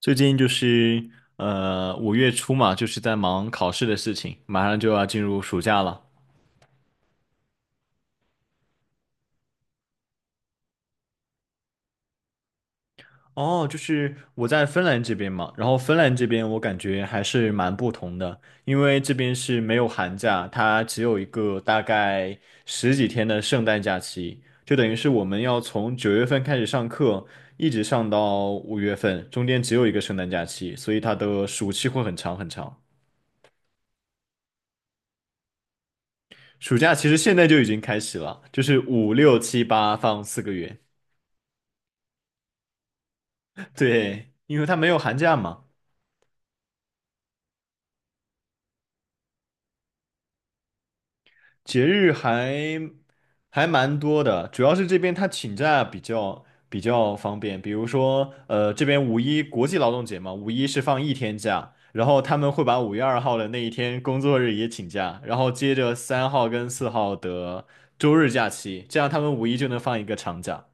最近就是五月初嘛，就是在忙考试的事情，马上就要进入暑假了。哦，就是我在芬兰这边嘛，然后芬兰这边我感觉还是蛮不同的，因为这边是没有寒假，它只有一个大概十几天的圣诞假期，就等于是我们要从九月份开始上课，一直上到五月份，中间只有一个圣诞假期，所以它的暑期会很长很长。暑假其实现在就已经开始了，就是五六七八放四个月。对，因为他没有寒假嘛，节日还蛮多的，主要是这边他请假比较方便。比如说，这边五一国际劳动节嘛，五一是放一天假，然后他们会把五月二号的那一天工作日也请假，然后接着三号跟四号的周日假期，这样他们五一就能放一个长假。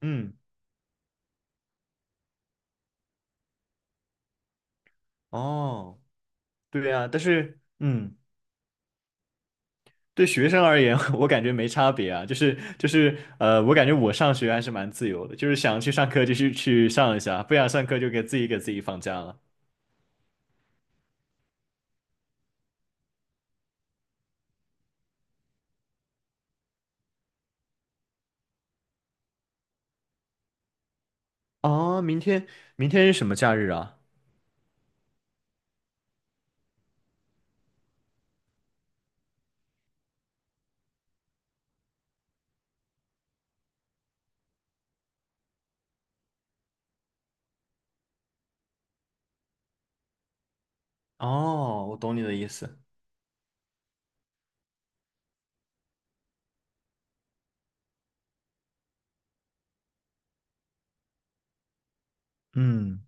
嗯，哦，对呀，但是嗯。对学生而言，我感觉没差别啊，就是，我感觉我上学还是蛮自由的，就是想去上课就去上一下，不想上课就给自己放假了。哦，明天是什么假日啊？哦，我懂你的意思。嗯，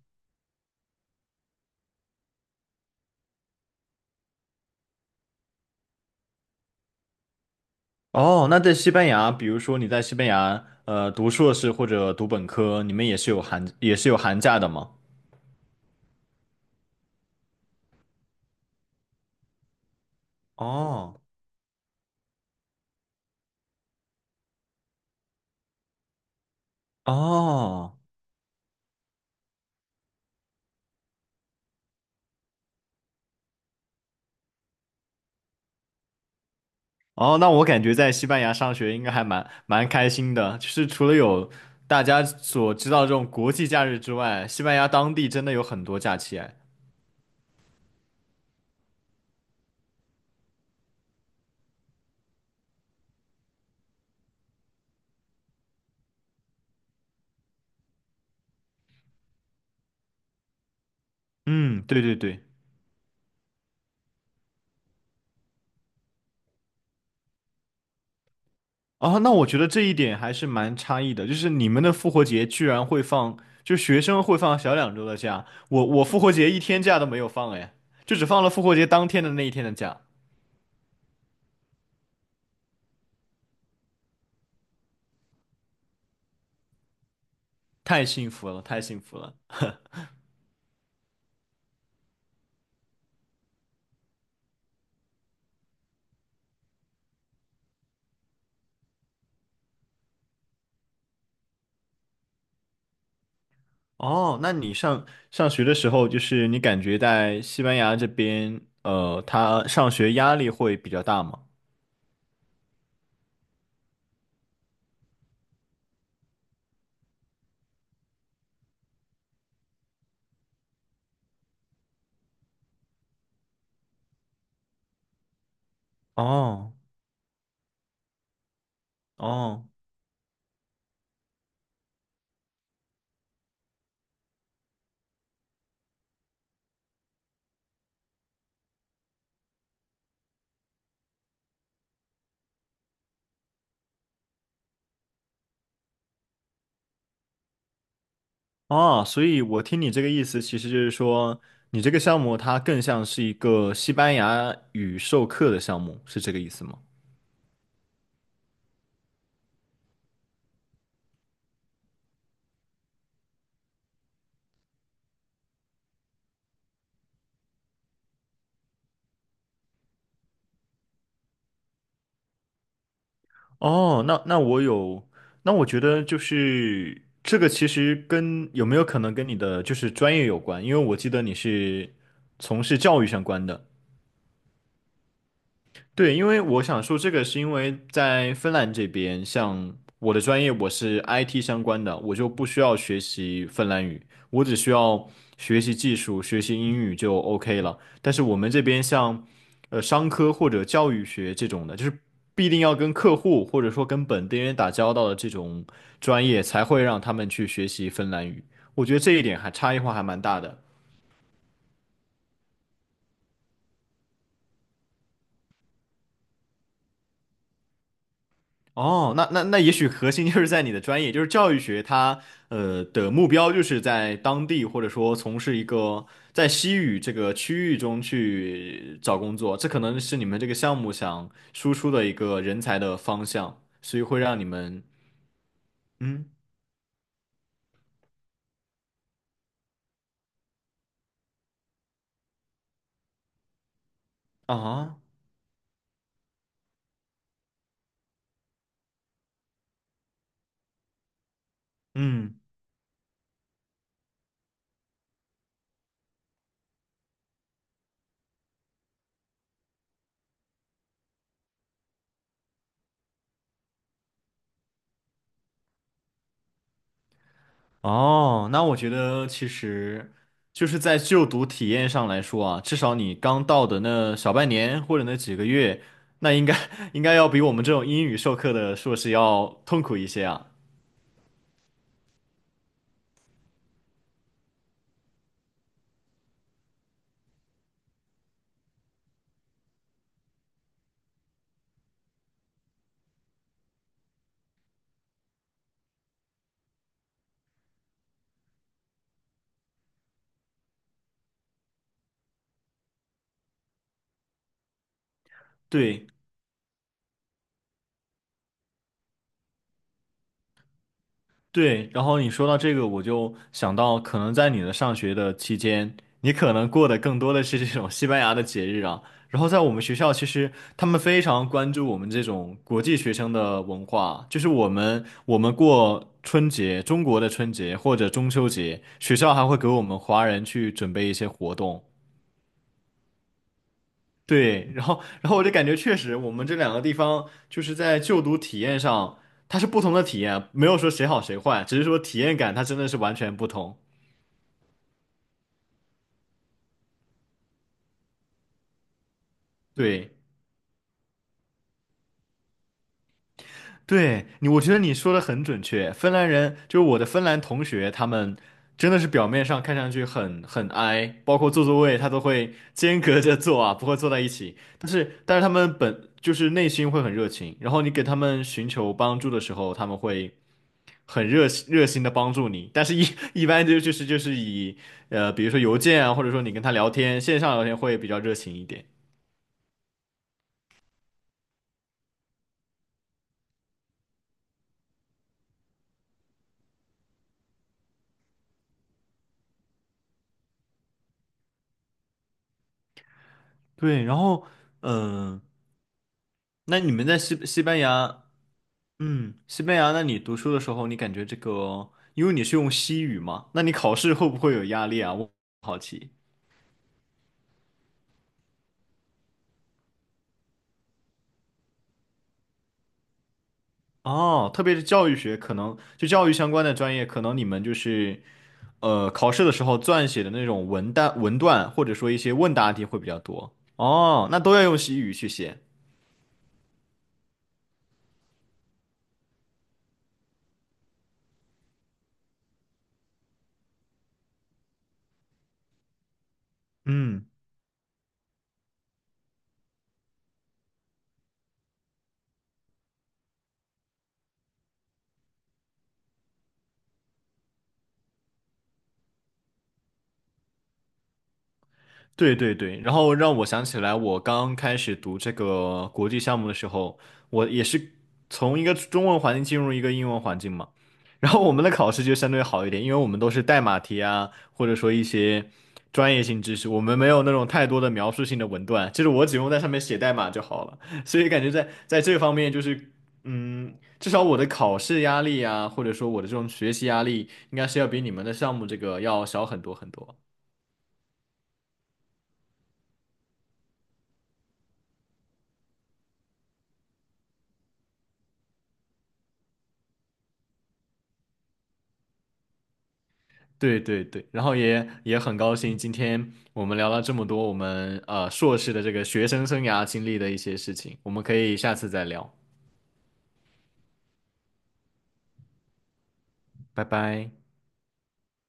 哦，那在西班牙，比如说你在西班牙读硕士或者读本科，你们也是有寒假的吗？哦，哦。哦，那我感觉在西班牙上学应该还蛮开心的，就是除了有大家所知道这种国际假日之外，西班牙当地真的有很多假期哎。嗯，对对对。哦，那我觉得这一点还是蛮差异的，就是你们的复活节居然会放，就学生会放小两周的假，我复活节一天假都没有放哎，就只放了复活节当天的那一天的假，太幸福了，太幸福了。哦，那你上学的时候，就是你感觉在西班牙这边，他上学压力会比较大吗？哦哦哦，所以我听你这个意思，其实就是说，你这个项目它更像是一个西班牙语授课的项目，是这个意思吗？哦，那那我觉得就是这个其实跟有没有可能跟你的就是专业有关，因为我记得你是从事教育相关的。对，因为我想说这个是因为在芬兰这边，像我的专业我是 IT 相关的，我就不需要学习芬兰语，我只需要学习技术、学习英语就 OK 了。但是我们这边像商科或者教育学这种的，就是必定要跟客户或者说跟本地人打交道的这种专业，才会让他们去学习芬兰语。我觉得这一点还差异化还蛮大的。哦，那也许核心就是在你的专业，就是教育学它的目标就是在当地或者说从事一个在西语这个区域中去找工作，这可能是你们这个项目想输出的一个人才的方向，所以会让你们，嗯啊，嗯。哦，那我觉得其实就是在就读体验上来说啊，至少你刚到的那小半年或者那几个月，那应该 应该要比我们这种英语授课的硕士要痛苦一些啊。对。对，然后你说到这个，我就想到，可能在你的上学的期间，你可能过的更多的是这种西班牙的节日啊。然后在我们学校，其实他们非常关注我们这种国际学生的文化，就是我们过春节，中国的春节或者中秋节，学校还会给我们华人去准备一些活动。对，然后我就感觉确实，我们这两个地方就是在就读体验上，它是不同的体验，没有说谁好谁坏，只是说体验感它真的是完全不同。对。对你，我觉得你说的很准确。芬兰人就是我的芬兰同学，他们真的是表面上看上去很 i，包括坐座位他都会 间隔着坐啊，不会坐在一起。但是他们本就是内心会很热情，然后你给他们寻求帮助的时候，他们会很热心的帮助你。但是一 一般就是以，比如说邮件啊，或者说你跟他聊天，线上聊天会比较热情一点。对，然后嗯、呃那你们在西班牙？嗯，西班牙，那你读书的时候，你感觉这个，因为你是用西语嘛，那你考试会不会有压力啊？我好奇。哦，特别是教育学，可能就教育相关的专业，可能你们就是考试的时候撰写的那种文段，或者说一些问答题会比较多。哦，那都要用西语去写。嗯。对对对，然后让我想起来，我刚开始读这个国际项目的时候，我也是从一个中文环境进入一个英文环境嘛，然后我们的考试就相对好一点，因为我们都是代码题啊，或者说一些专业性知识，我们没有那种太多的描述性的文段，就是我只用在上面写代码就好了，所以感觉在这方面就是，嗯，至少我的考试压力啊，或者说我的这种学习压力，应该是要比你们的项目这个要小很多很多。对对对，然后也很高兴，今天我们聊了这么多，我们硕士的这个学生生涯经历的一些事情，我们可以下次再聊，拜拜。